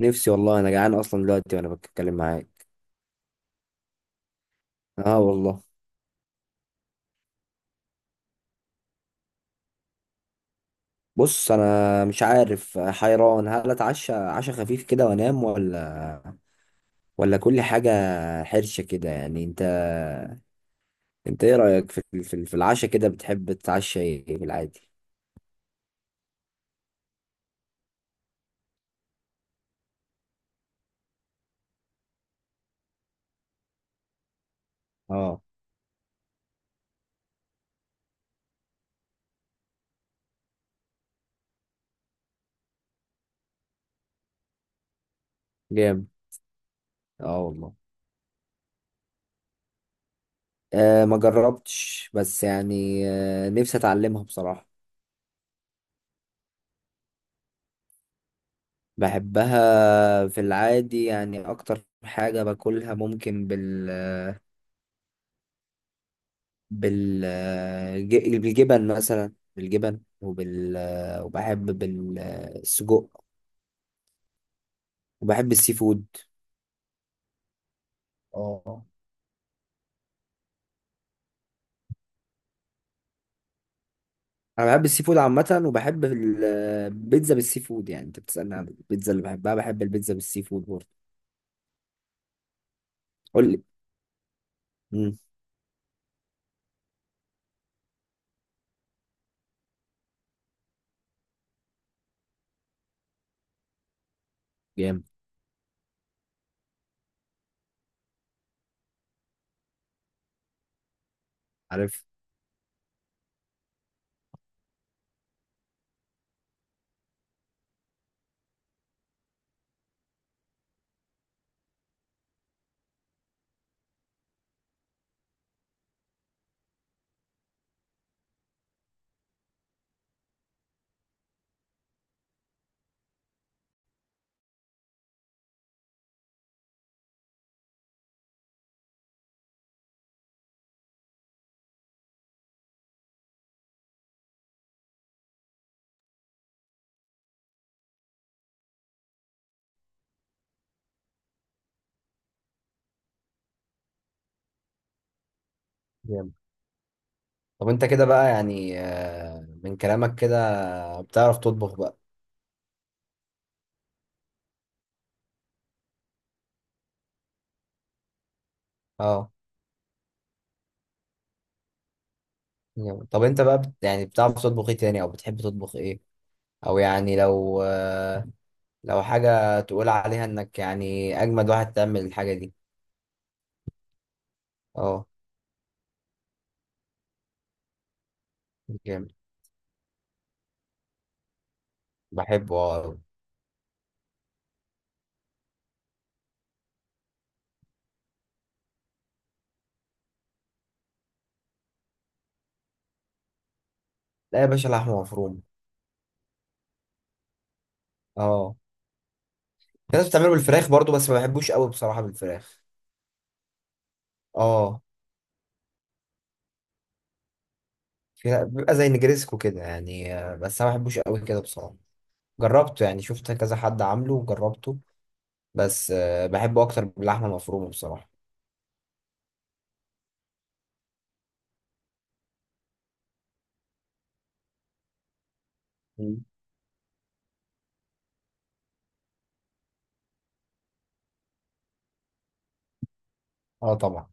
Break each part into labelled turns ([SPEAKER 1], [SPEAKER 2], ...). [SPEAKER 1] نفسي والله انا جعان اصلا دلوقتي وانا بتكلم معاك. اه والله. بص انا مش عارف، حيران هل اتعشى عشاء خفيف كده وانام ولا كل حاجه حرشه كده، يعني انت. انت ايه رايك في العشاء كده؟ بتحب تتعشى ايه في العادي؟ اه جامد. اه والله. آه ما جربتش، بس يعني آه نفسي اتعلمها بصراحه. بحبها في العادي، يعني اكتر حاجه باكلها ممكن بالفراخ، بال بالجبن مثلا، بالجبن وبحب بالسجق. وبحب السي فود. اه انا بحب السي فود عامة، وبحب البيتزا بالسي فود. يعني انت بتسألني عن البيتزا اللي بحبها، بحب البيتزا بالسي فود برضه. قول لي. امم جامد. عارف. جامد. طب انت كده بقى يعني آه، من كلامك كده بتعرف تطبخ بقى. اه جامد. طب انت بقى بت يعني بتعرف تطبخ ايه تاني، او بتحب تطبخ ايه؟ او يعني لو حاجة تقول عليها انك يعني اجمد واحد تعمل الحاجة دي. اه جامد. بحبه اه. لا يا باشا، لحمة مفرومة. اه. في ناس بتعمله بالفراخ برضو، بس ما بحبوش قوي بصراحة بالفراخ. اه. بيبقى زي نجريسكو كده يعني آه، بس انا ما بحبوش قوي كده بصراحة. جربته، يعني شفت كذا حد عامله وجربته، بس آه، بحبه اكتر باللحمة المفرومة بصراحة. مم. اه طبعا.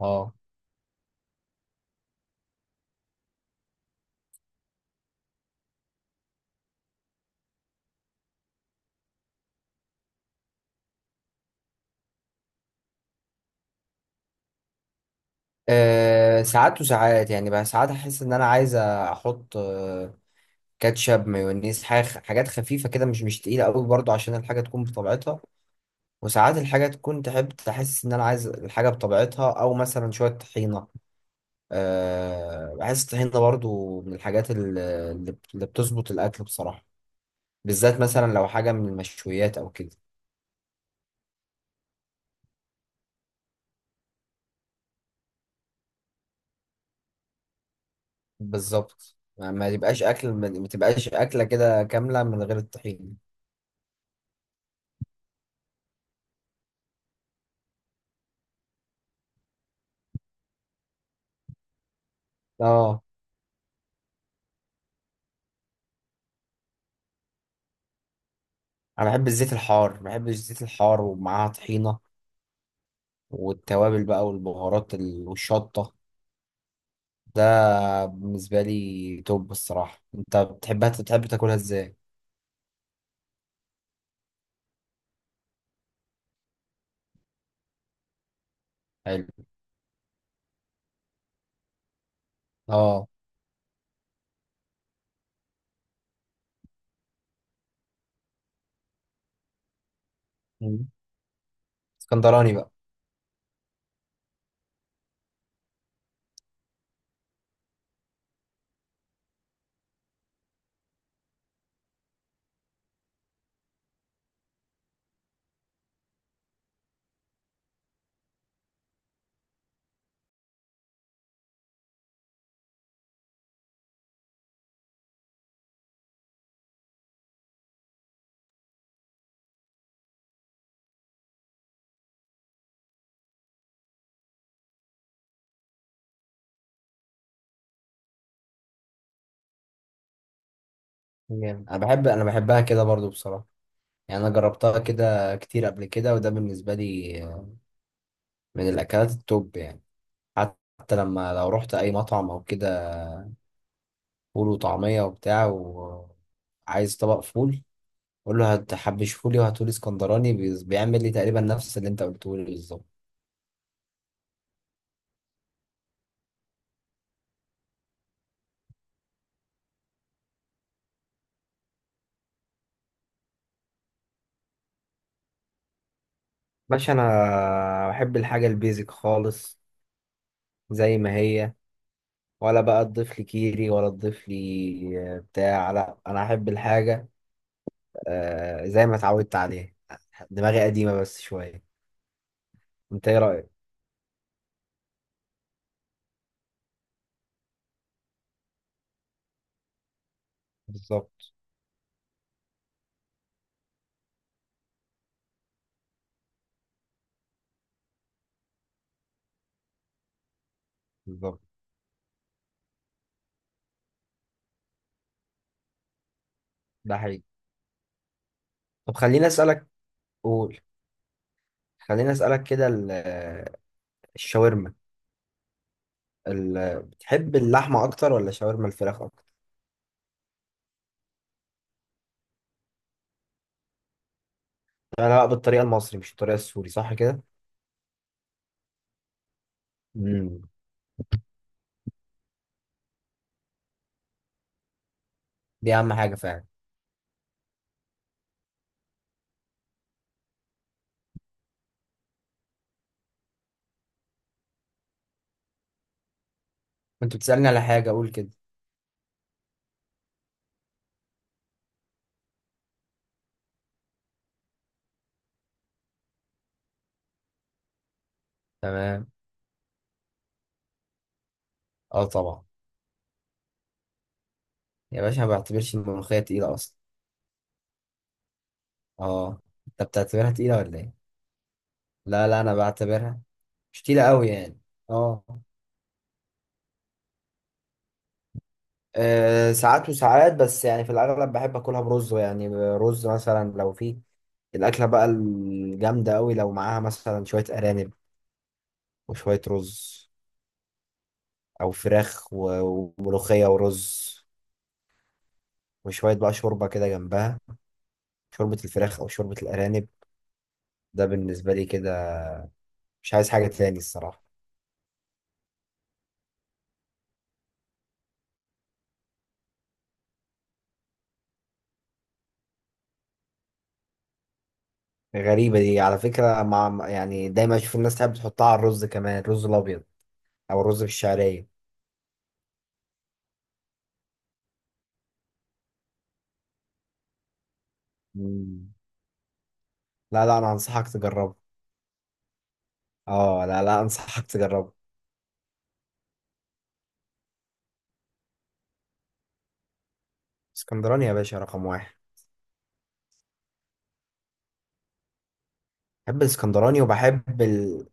[SPEAKER 1] اه آه، ساعات وساعات، يعني بقى ساعات احس ان انا عايز احط كاتشب، مايونيز، حاجات خفيفة كده، مش تقيلة قوي برضو، عشان الحاجة تكون بطبيعتها. وساعات الحاجة تكون، تحب تحس إن أنا عايز الحاجة بطبيعتها، أو مثلا شوية طحينة. أه، بحس الطحينة برضو من الحاجات اللي بتظبط الأكل بصراحة، بالذات مثلا لو حاجة من المشويات أو كده. بالظبط، ما تبقاش أكل، ما تبقاش أكلة كده كاملة من غير الطحينة. اه. أنا بحب الزيت الحار، بحب الزيت الحار ومعاها طحينة. والتوابل بقى والبهارات والشطة. ده بالنسبة لي توب الصراحة. انت بتحبها، بتحب تاكلها ازاي؟ حلو. اه. مم. اسكندراني بقى. جامد. انا بحب، انا بحبها كده برضو بصراحة، يعني انا جربتها كده كتير قبل كده، وده بالنسبة لي من الاكلات التوب يعني. حتى لما لو رحت اي مطعم او كده، فول وطعمية وبتاع، وعايز طبق فول، قول له هتحبش فولي وهاتولي اسكندراني، بيعمل لي تقريبا نفس اللي انت قلته لي بالظبط. باشا انا بحب الحاجة البيزك خالص، زي ما هي، ولا بقى تضيف لي كيري، ولا تضيف لي آه، بتاع. لا انا احب الحاجه آه، زي ما اتعودت عليها. دماغي قديمه بس شويه. انت ايه رايك؟ بالظبط. بالظبط. ده حقيقي. طب خليني اسالك. قول. خليني اسالك كده الشاورما، بتحب اللحمه اكتر ولا شاورما الفراخ اكتر؟ انا بقى بالطريقه المصري مش الطريقه السوري، صح كده؟ امم. دي اهم حاجه فعلا. انت بتسالني على حاجه اقول كده. تمام. اه طبعا. يا باشا ما بعتبرش الملوخيه تقيله اصلا. اه. انت بتعتبرها تقيلة ولا ايه؟ لا لا انا بعتبرها مش تقيلة قوي يعني. اه. آه، ساعات وساعات، بس يعني في الأغلب بحب أكلها برز، يعني رز مثلا. لو في الأكلة بقى الجامدة أوي، لو معاها مثلا شوية أرانب وشوية رز، أو فراخ وملوخية ورز، وشوية بقى شوربة كده جنبها، شوربة الفراخ أو شوربة الأرانب. ده بالنسبة لي كده، مش عايز حاجة تاني الصراحة. غريبة دي على فكرة، يعني دايما أشوف الناس تحب تحطها على الرز كمان، الرز الأبيض أو الرز بالشعرية. مم. لا لا أنا أنصحك تجربه. أه لا لا أنصحك تجربه. اسكندراني يا باشا، رقم واحد. بحب الاسكندراني وبحب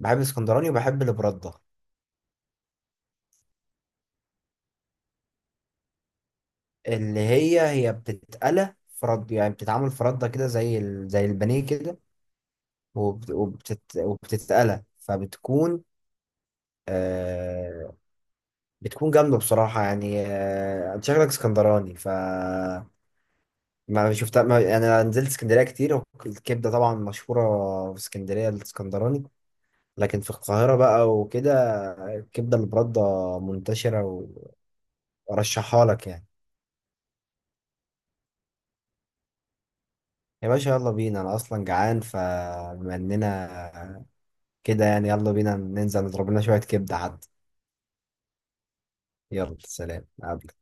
[SPEAKER 1] بحب الاسكندراني وبحب البردة، اللي هي بتتقلى فرد، يعني بتتعمل فرده كده زي زي البانيه كده. وبتتقلى فبتكون آه... بتكون جامدة بصراحة، يعني أنت شكلك اسكندراني ف ما شفتها. ما يعني انا نزلت اسكندريه كتير، الكبده طبعا مشهوره في اسكندريه الاسكندراني، لكن في القاهره بقى وكده الكبده البرده منتشره، وارشحها لك يعني. يا باشا يلا بينا، انا اصلا جعان، فبما اننا كده يعني يلا بينا ننزل نضرب لنا شويه كبده حتى. يلا سلام. أقابلك.